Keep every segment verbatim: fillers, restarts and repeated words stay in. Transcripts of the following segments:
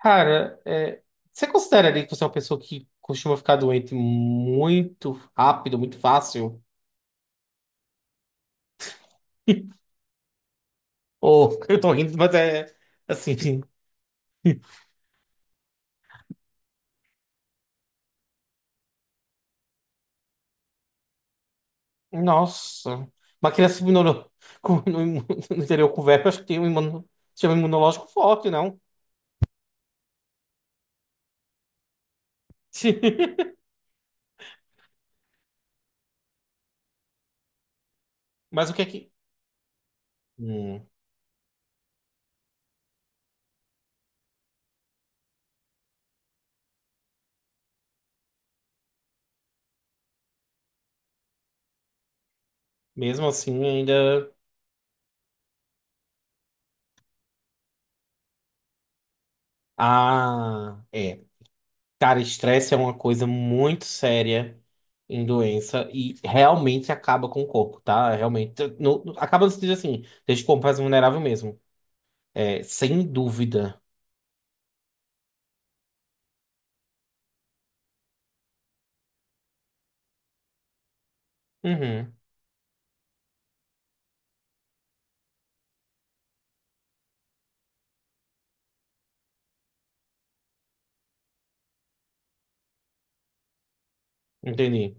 Cara, é, você considera ali que você é uma pessoa que costuma ficar doente muito rápido, muito fácil? Ou eu tô rindo, mas é é assim, nossa. Uma criança imuno- com- no, imu- no interior com verme, acho que tem um imuno- sistema imunológico forte, não? Mas o que é que. Hum, mesmo assim, ainda. Ah, é. Cara, estresse é uma coisa muito séria em doença e realmente acaba com o corpo, tá? Realmente. No, no- acaba no sentido assim, deixa o corpo mais vulnerável mesmo. É, sem dúvida. Uhum, entendi.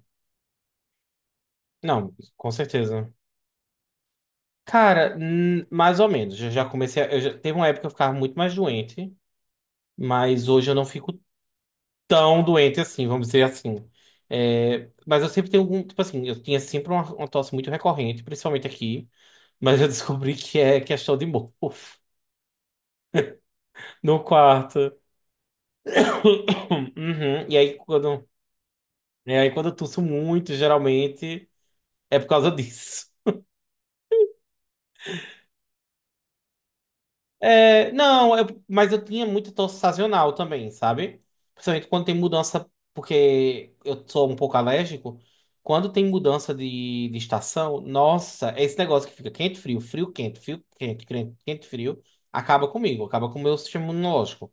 Não, com certeza. Cara, hum, mais ou menos. Eu já comecei. A- eu já, teve uma época que eu ficava muito mais doente, mas hoje eu não fico tão doente assim, vamos dizer assim. É, mas eu sempre tenho algum. Tipo assim, eu tinha sempre uma, uma tosse muito recorrente, principalmente aqui. Mas eu descobri que é questão de mofo no quarto. Uhum. E aí quando, e aí quando eu tuço muito, geralmente, é por causa disso. É, não, eu- mas eu tinha muita tosse sazonal também, sabe? Principalmente quando tem mudança, porque eu sou um pouco alérgico. Quando tem mudança de, de estação, nossa, é esse negócio que fica quente, frio, frio, quente, frio, quente, quente, quente, frio, acaba comigo, acaba com o meu sistema imunológico.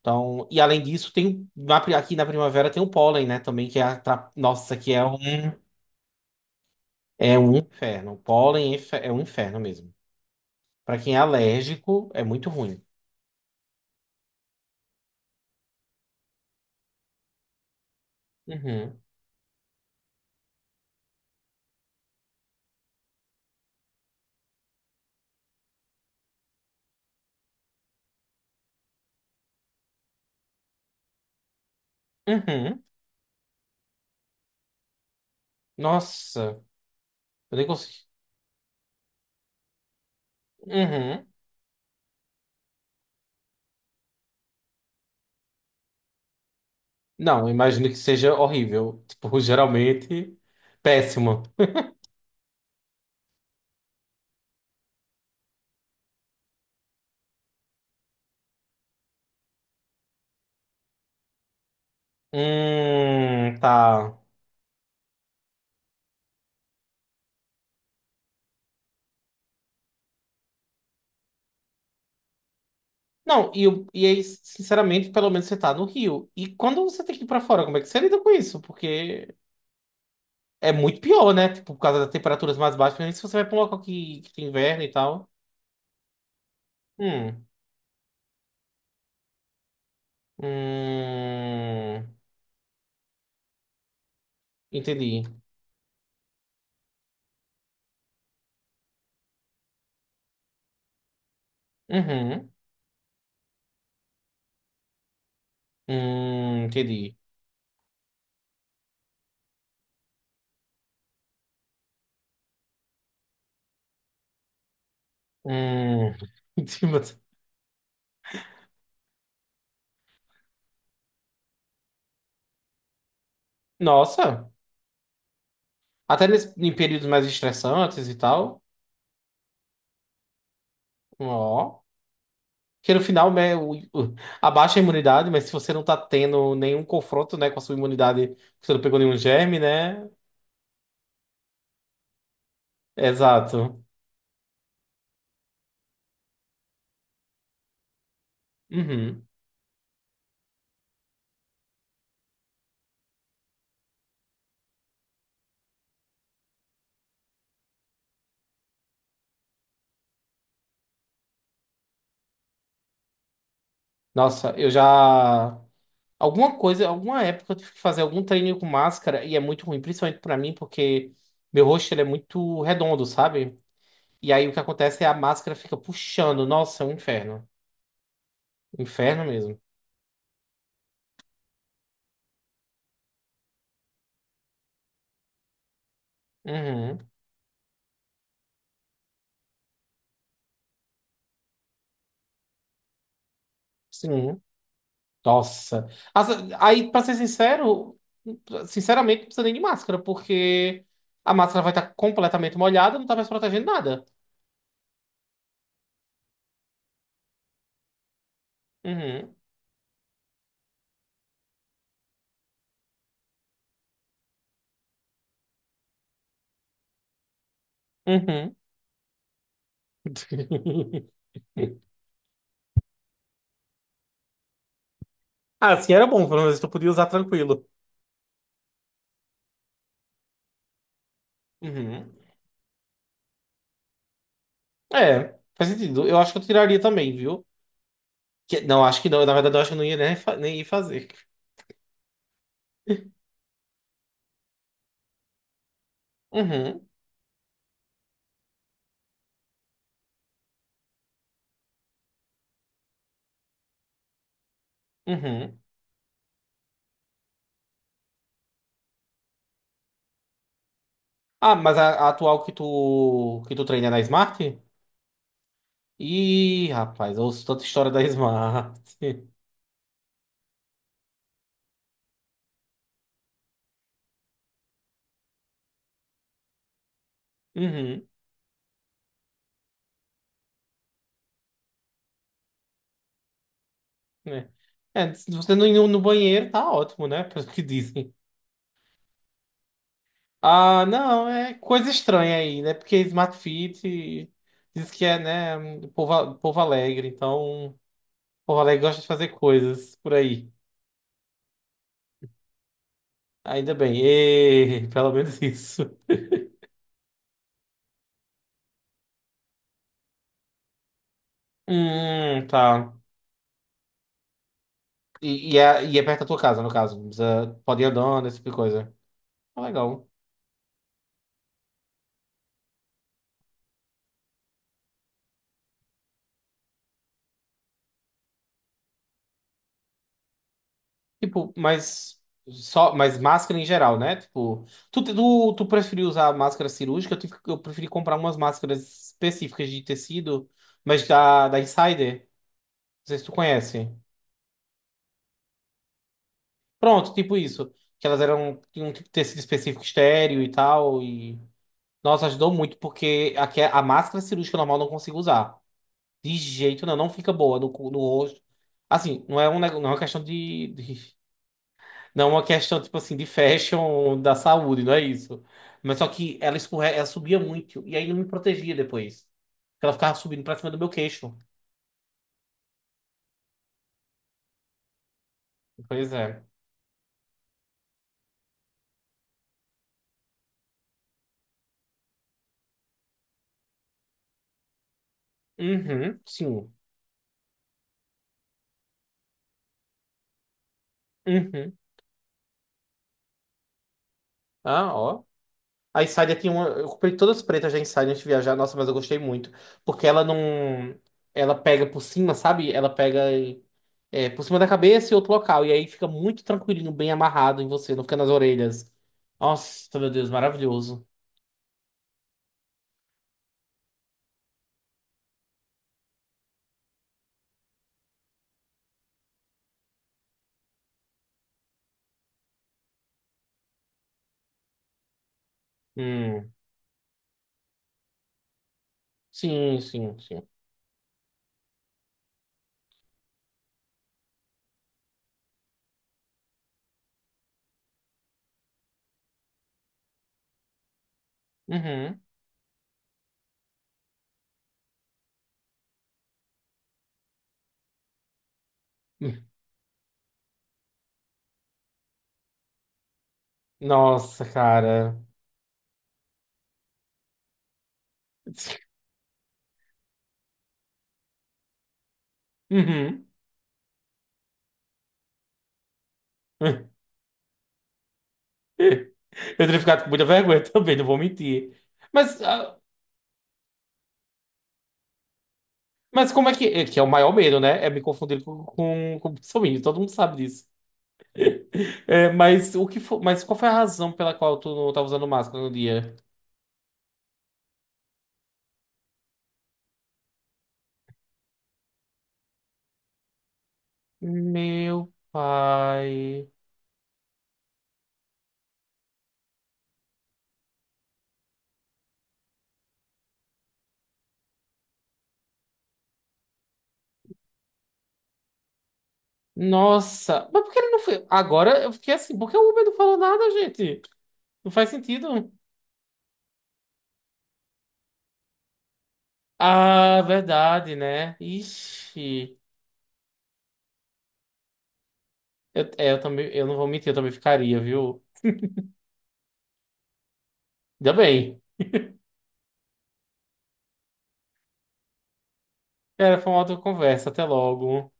Então, e além disso, tem um, na pri- aqui na primavera tem o pólen, né? Também que é a, nossa, que é um é um inferno. O pólen é infe- é um inferno mesmo. Pra quem é alérgico, é muito ruim. Uhum. Uhum. Nossa, eu nem consigo. Uhum. Não, eu imagino que seja horrível. Tipo, geralmente péssimo. Hum, tá. Não, e, o- e aí, sinceramente, pelo menos você tá no Rio. E quando você tem que ir pra fora, como é que você lida com isso? Porque é muito pior, né? Tipo, por causa das temperaturas mais baixas, principalmente se você vai pra um local que, que tem inverno e tal. Hum. Hum. Entendi. Uhum. Hum, entendi. Hum. Entendi, mas- Nossa. Até nesse- em períodos mais estressantes e tal. Ó. Que no final, né, o- o- abaixa a imunidade, mas se você não tá tendo nenhum confronto, né, com a sua imunidade, você não pegou nenhum germe, né? Exato. Uhum. Nossa, eu já. Alguma coisa, alguma época eu tive que fazer algum treininho com máscara e é muito ruim, principalmente pra mim, porque meu rosto ele é muito redondo, sabe? E aí o que acontece é a máscara fica puxando. Nossa, é um inferno. Inferno mesmo. Uhum. Sim. Nossa. As- Aí, pra ser sincero, sinceramente, não precisa nem de máscara, porque a máscara vai estar completamente molhada, não tá mais protegendo nada. Uhum. Uhum. Ah, assim era bom, pelo menos tu podia usar tranquilo. Uhum. É, faz sentido. Eu acho que eu tiraria também, viu? Que- não, acho que não. Na verdade, eu acho que eu não ia nem, fa- nem ir fazer. Uhum, uhum. Ah, mas a, a atual que tu, que tu treina é na Smart? Ih, rapaz, eu ouço tanta história da Smart. Uhum, né? É, se você não ir no no banheiro, tá ótimo, né? Pelo que dizem. Ah, não, é coisa estranha aí, né? Porque Smart Fit diz que é, né, um povo, povo alegre, então povo alegre gosta de fazer coisas por aí. Ainda bem. E... pelo menos isso. Hum, tá. E, e é, e é perto da tua casa, no caso. Não precisa, pode ir andando, esse tipo de coisa. Ah, legal. Tipo, mas... Só, mas máscara em geral, né? Tipo, tu, te- tu, tu preferiu usar máscara cirúrgica? Eu, tive, eu preferi comprar umas máscaras específicas de tecido, mas da, da Insider. Não sei se tu conhece. Pronto, tipo isso. Que elas eram, tinham um tipo de tecido específico estéreo e tal. E, nossa, ajudou muito, porque a, que- a máscara cirúrgica normal eu não consigo usar. De jeito não, não fica boa no, cu- no rosto. Assim, não é, um, nego- não é uma questão de, de- não é uma questão, tipo assim, de fashion da saúde, não é isso. Mas só que ela escorre, ela subia muito e aí não me protegia depois. Porque ela ficava subindo pra cima do meu queixo. Pois é. Uhum, sim. Uhum. Ah, ó. A Insider tinha uma. Eu comprei todas as pretas da Insider antes de viajar. Nossa, mas eu gostei muito. Porque ela não. Ela pega por cima, sabe? Ela pega e- é, por cima da cabeça e outro local. E aí fica muito tranquilinho, bem amarrado em você, não fica nas orelhas. Nossa, meu Deus, maravilhoso. Hum. Sim, sim, sim. Uhum. Nossa, cara. Uhum. Eu teria ficado com muita vergonha também, não vou mentir. Mas. Ah, mas como é que. É, que é o maior medo, né? É me confundir com, com, com o bolsominion, todo mundo sabe disso. É, mas o que fo- mas qual foi a razão pela qual tu não tava usando máscara no dia? Meu pai. Nossa, mas por que ele não foi? Agora eu fiquei assim, por que o Uber não falou nada, gente? Não faz sentido. Ah, verdade, né? Ixi. Eu, é, eu também, eu não vou mentir, eu também ficaria, viu? Ainda bem. Era, foi uma outra conversa. Até logo.